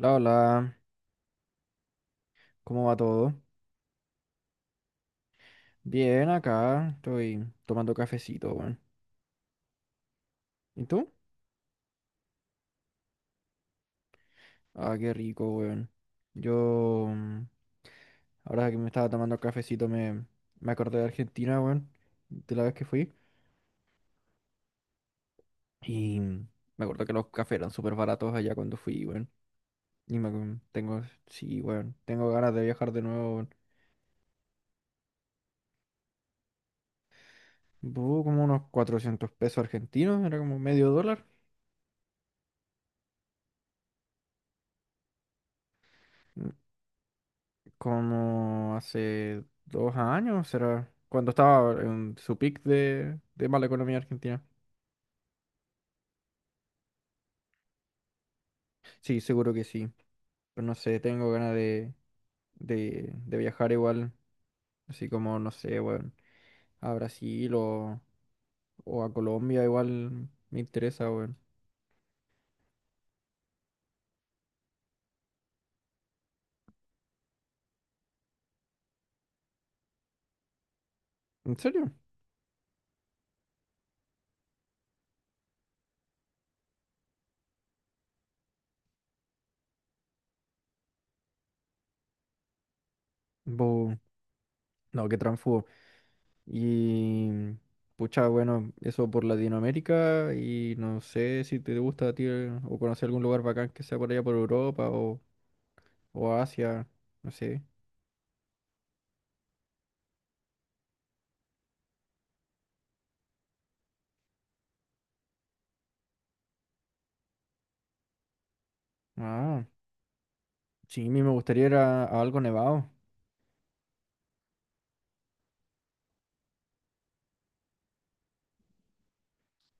Hola hola, ¿cómo va todo? Bien, acá estoy tomando cafecito, weón. ¿Y tú? Ah, qué rico, weón. Yo, mm, Ahora que me estaba tomando cafecito, me acordé de Argentina, weón, de la vez que fui. Y me acuerdo que los cafés eran súper baratos allá cuando fui, weón. Y sí, weón, tengo ganas de viajar de nuevo, weón. Como unos 400 pesos argentinos, era como medio dólar. Como hace 2 años, será, cuando estaba en su pic de mala economía argentina. Sí, seguro que sí. Pero no sé, tengo ganas de viajar igual, así como, no sé, weón, a Brasil o, a Colombia, igual me interesa, weón. ¿En serio? Bu, no, qué tránfugo. Y pucha, bueno, eso por Latinoamérica y no sé si te gusta a ti o conocer algún lugar bacán que sea por allá por Europa o Asia, no sé. Ah, sí, a mí me gustaría ir a algo nevado.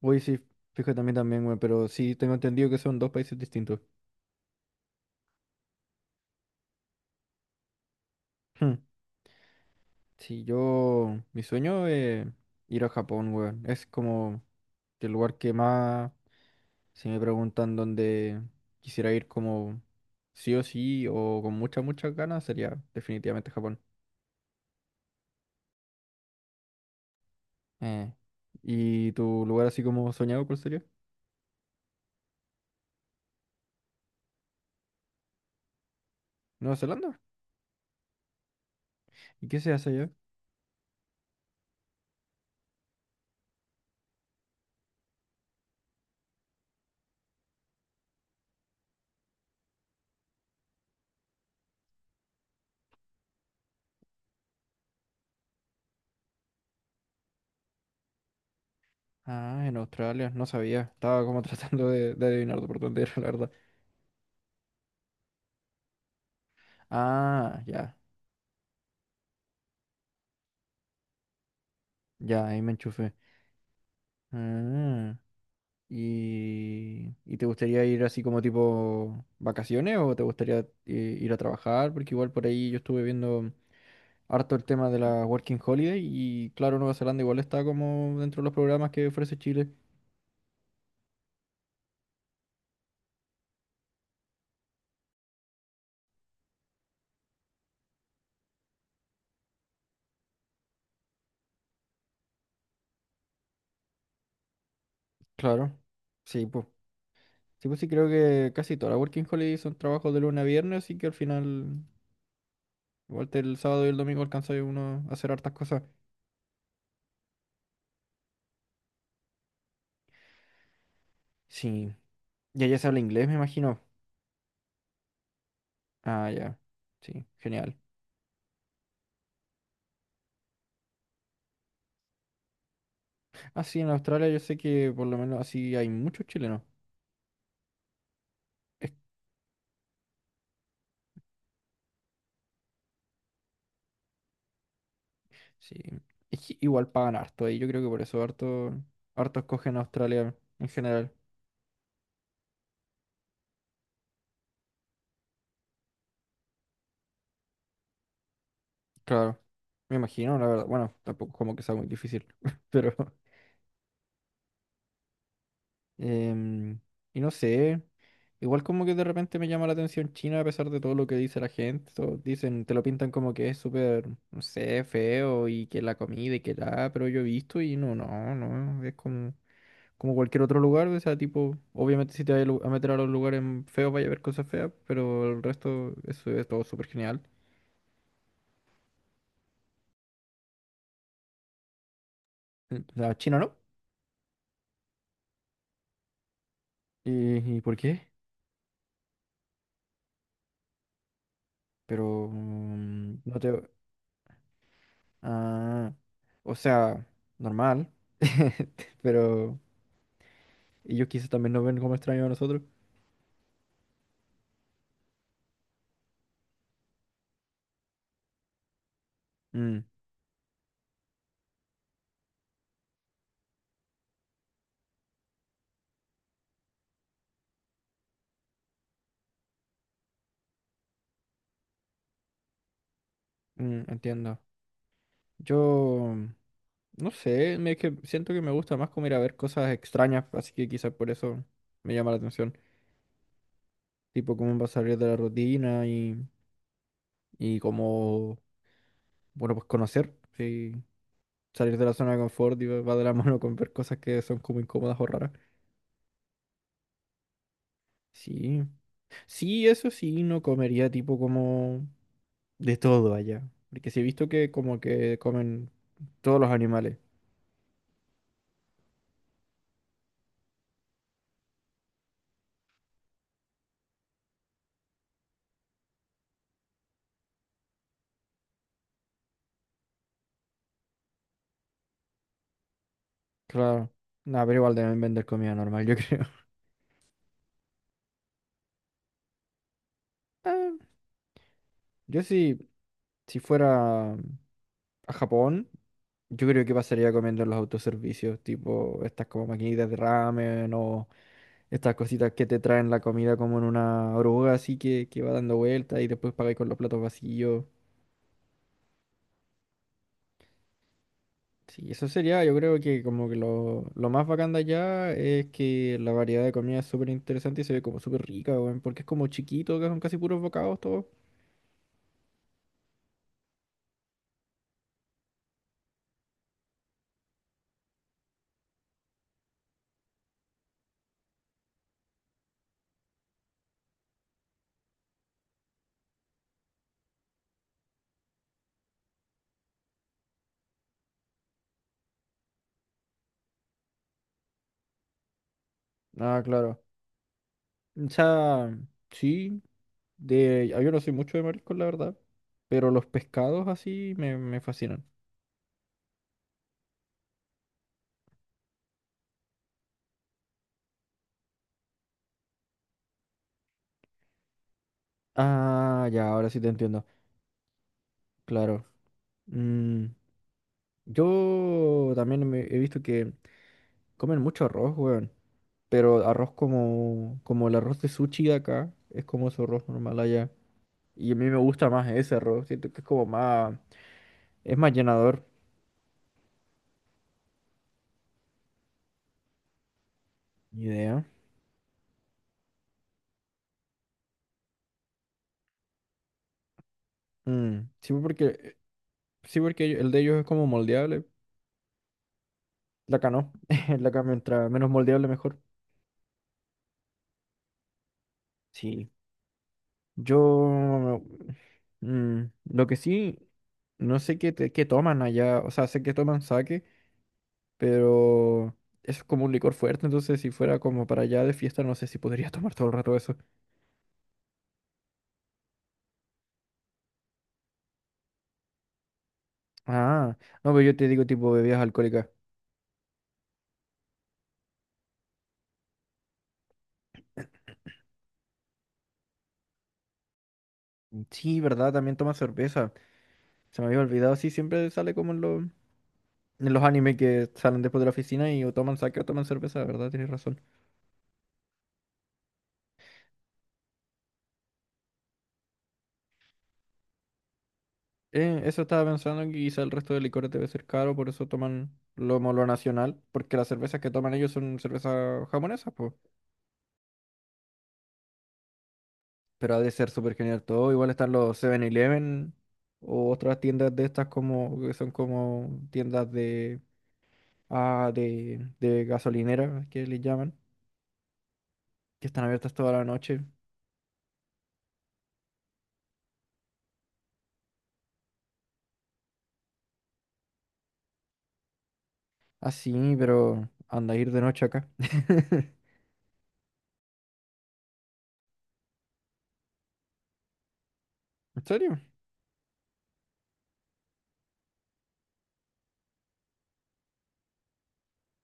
Uy, sí, fíjate a mí también, güey, pero sí tengo entendido que son dos países distintos. Sí, mi sueño es ir a Japón, weón. Es como el lugar que más, si me preguntan dónde quisiera ir como sí o sí o con muchas, muchas ganas, sería definitivamente Japón. Eh, ¿Y tu lugar así como soñado, cuál sería? ¿Nueva Zelanda? ¿Y qué se hace allá? Ah, en Australia, no sabía. Estaba como tratando de adivinar por dónde era, la verdad. Ah, ya, ya, ahí me enchufé. Ah. ¿Y te gustaría ir así como tipo vacaciones o te gustaría ir a trabajar? Porque igual por ahí yo estuve viendo harto el tema de la Working Holiday y claro, Nueva Zelanda igual está como dentro de los programas que ofrece Chile. Claro, sí, pues. Sí, pues sí, creo que casi todas las Working Holiday son trabajos de lunes a viernes, así que al final, igual el sábado y el domingo alcanza uno a hacer hartas cosas. Sí, y allá se habla inglés, me imagino. Ah, ya, sí, genial. Ah, sí, en Australia yo sé que por lo menos así hay muchos chilenos. Es- sí. Es que igual pagan harto ahí. Yo creo que por eso harto escogen a Australia en general. Claro. Me imagino, la verdad. Bueno, tampoco es como que sea muy difícil. Pero. em, y no sé. Igual como que de repente me llama la atención China a pesar de todo lo que dice la gente. Todos dicen, te lo pintan como que es súper, no sé, feo y que la comida y que la. Pero yo he visto y no, no, no. Es como. Como cualquier otro lugar, o sea, tipo, obviamente si te vas a a meter a los lugares feos vaya a ver cosas feas, pero el resto eso es todo súper genial. O sea, China no. ¿Y por qué? Pero no te... Ah, o sea, normal, pero ellos quizás también nos ven como extraños a nosotros. Mm, Entiendo. Yo... mm, No sé, es que siento que me gusta más como ir a ver cosas extrañas, así que quizás por eso me llama la atención. Tipo, cómo va a salir de la rutina y como, bueno, pues conocer, sí, salir de la zona de confort y va de la mano con ver cosas que son como incómodas o raras. Sí, sí, eso sí, no comería tipo como de todo allá, porque sí he visto que como que comen todos los animales. Claro, nada, pero igual deben vender comida normal, yo creo. Ah, yo sí, si fuera a Japón, yo creo que pasaría comiendo en los autoservicios, tipo estas como maquinitas de ramen o estas cositas que te traen la comida como en una oruga así que va dando vueltas y después pagáis con los platos vacíos. Sí, eso sería, yo creo que como que lo más bacán de allá es que la variedad de comida es súper interesante y se ve como súper rica, weón, porque es como chiquito, que son casi puros bocados todos. Ah, claro. O sea, sí, yo no soy mucho de mariscos, la verdad, pero los pescados así me fascinan. Ah, ya, ahora sí te entiendo. Claro. Mm, yo también he visto que comen mucho arroz, weón. Pero arroz como el arroz de sushi de acá. Es como su arroz normal allá. Y a mí me gusta más ese arroz. Siento que es como más... Es más llenador. Ni idea. Mm, sí, porque, sí, porque el de ellos es como moldeable. La acá no. La acá mientras menos moldeable mejor. Sí. Yo... lo que sí... No sé qué toman allá. O sea, sé que toman sake. Pero es como un licor fuerte, entonces si fuera como para allá de fiesta, no sé si podría tomar todo el rato eso. Ah, no, pero yo te digo tipo bebidas alcohólicas. Mm, sí, ¿verdad? También toma cerveza. Se me había olvidado, sí, siempre sale como en los animes que salen después de la oficina y o toman sake o toman cerveza, ¿verdad? Tienes razón. Eso estaba pensando, que quizá el resto de licores debe ser caro, por eso toman como lo nacional, porque las cervezas que toman ellos son cervezas japonesas. Pero ha de ser súper genial todo. Igual están los 7-Eleven o otras tiendas de estas como que son como tiendas de gasolinera, que les llaman, que están abiertas toda la noche. Así, pero anda a ir de noche acá. ¿En serio?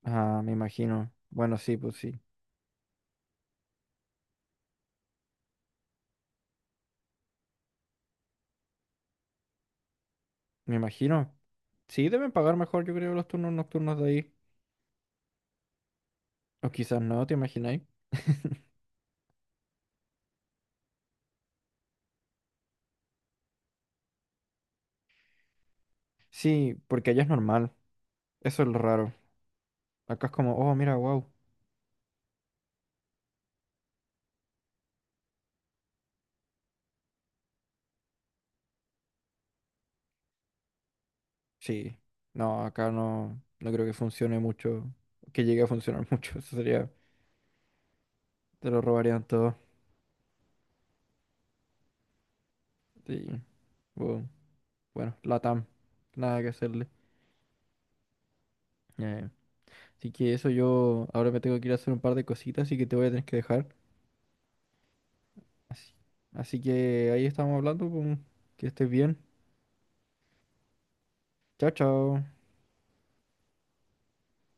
Ah, me imagino. Bueno, sí, pues sí. Me imagino. Sí, deben pagar mejor, yo creo, los turnos nocturnos de ahí. O quizás no, ¿te imagináis? Sí, porque allá es normal. Eso es lo raro. Acá es como, oh, mira, wow. Sí, no, acá no, no creo que funcione mucho, que llegue a funcionar mucho, eso sería, te lo robarían todo. Sí, bu- bueno, Latam, nada que hacerle. Eh, Así que eso yo ahora me tengo que ir a hacer un par de cositas, así que te voy a tener que dejar. Así, así que ahí estamos hablando, pues, que estés bien. Chao, chao.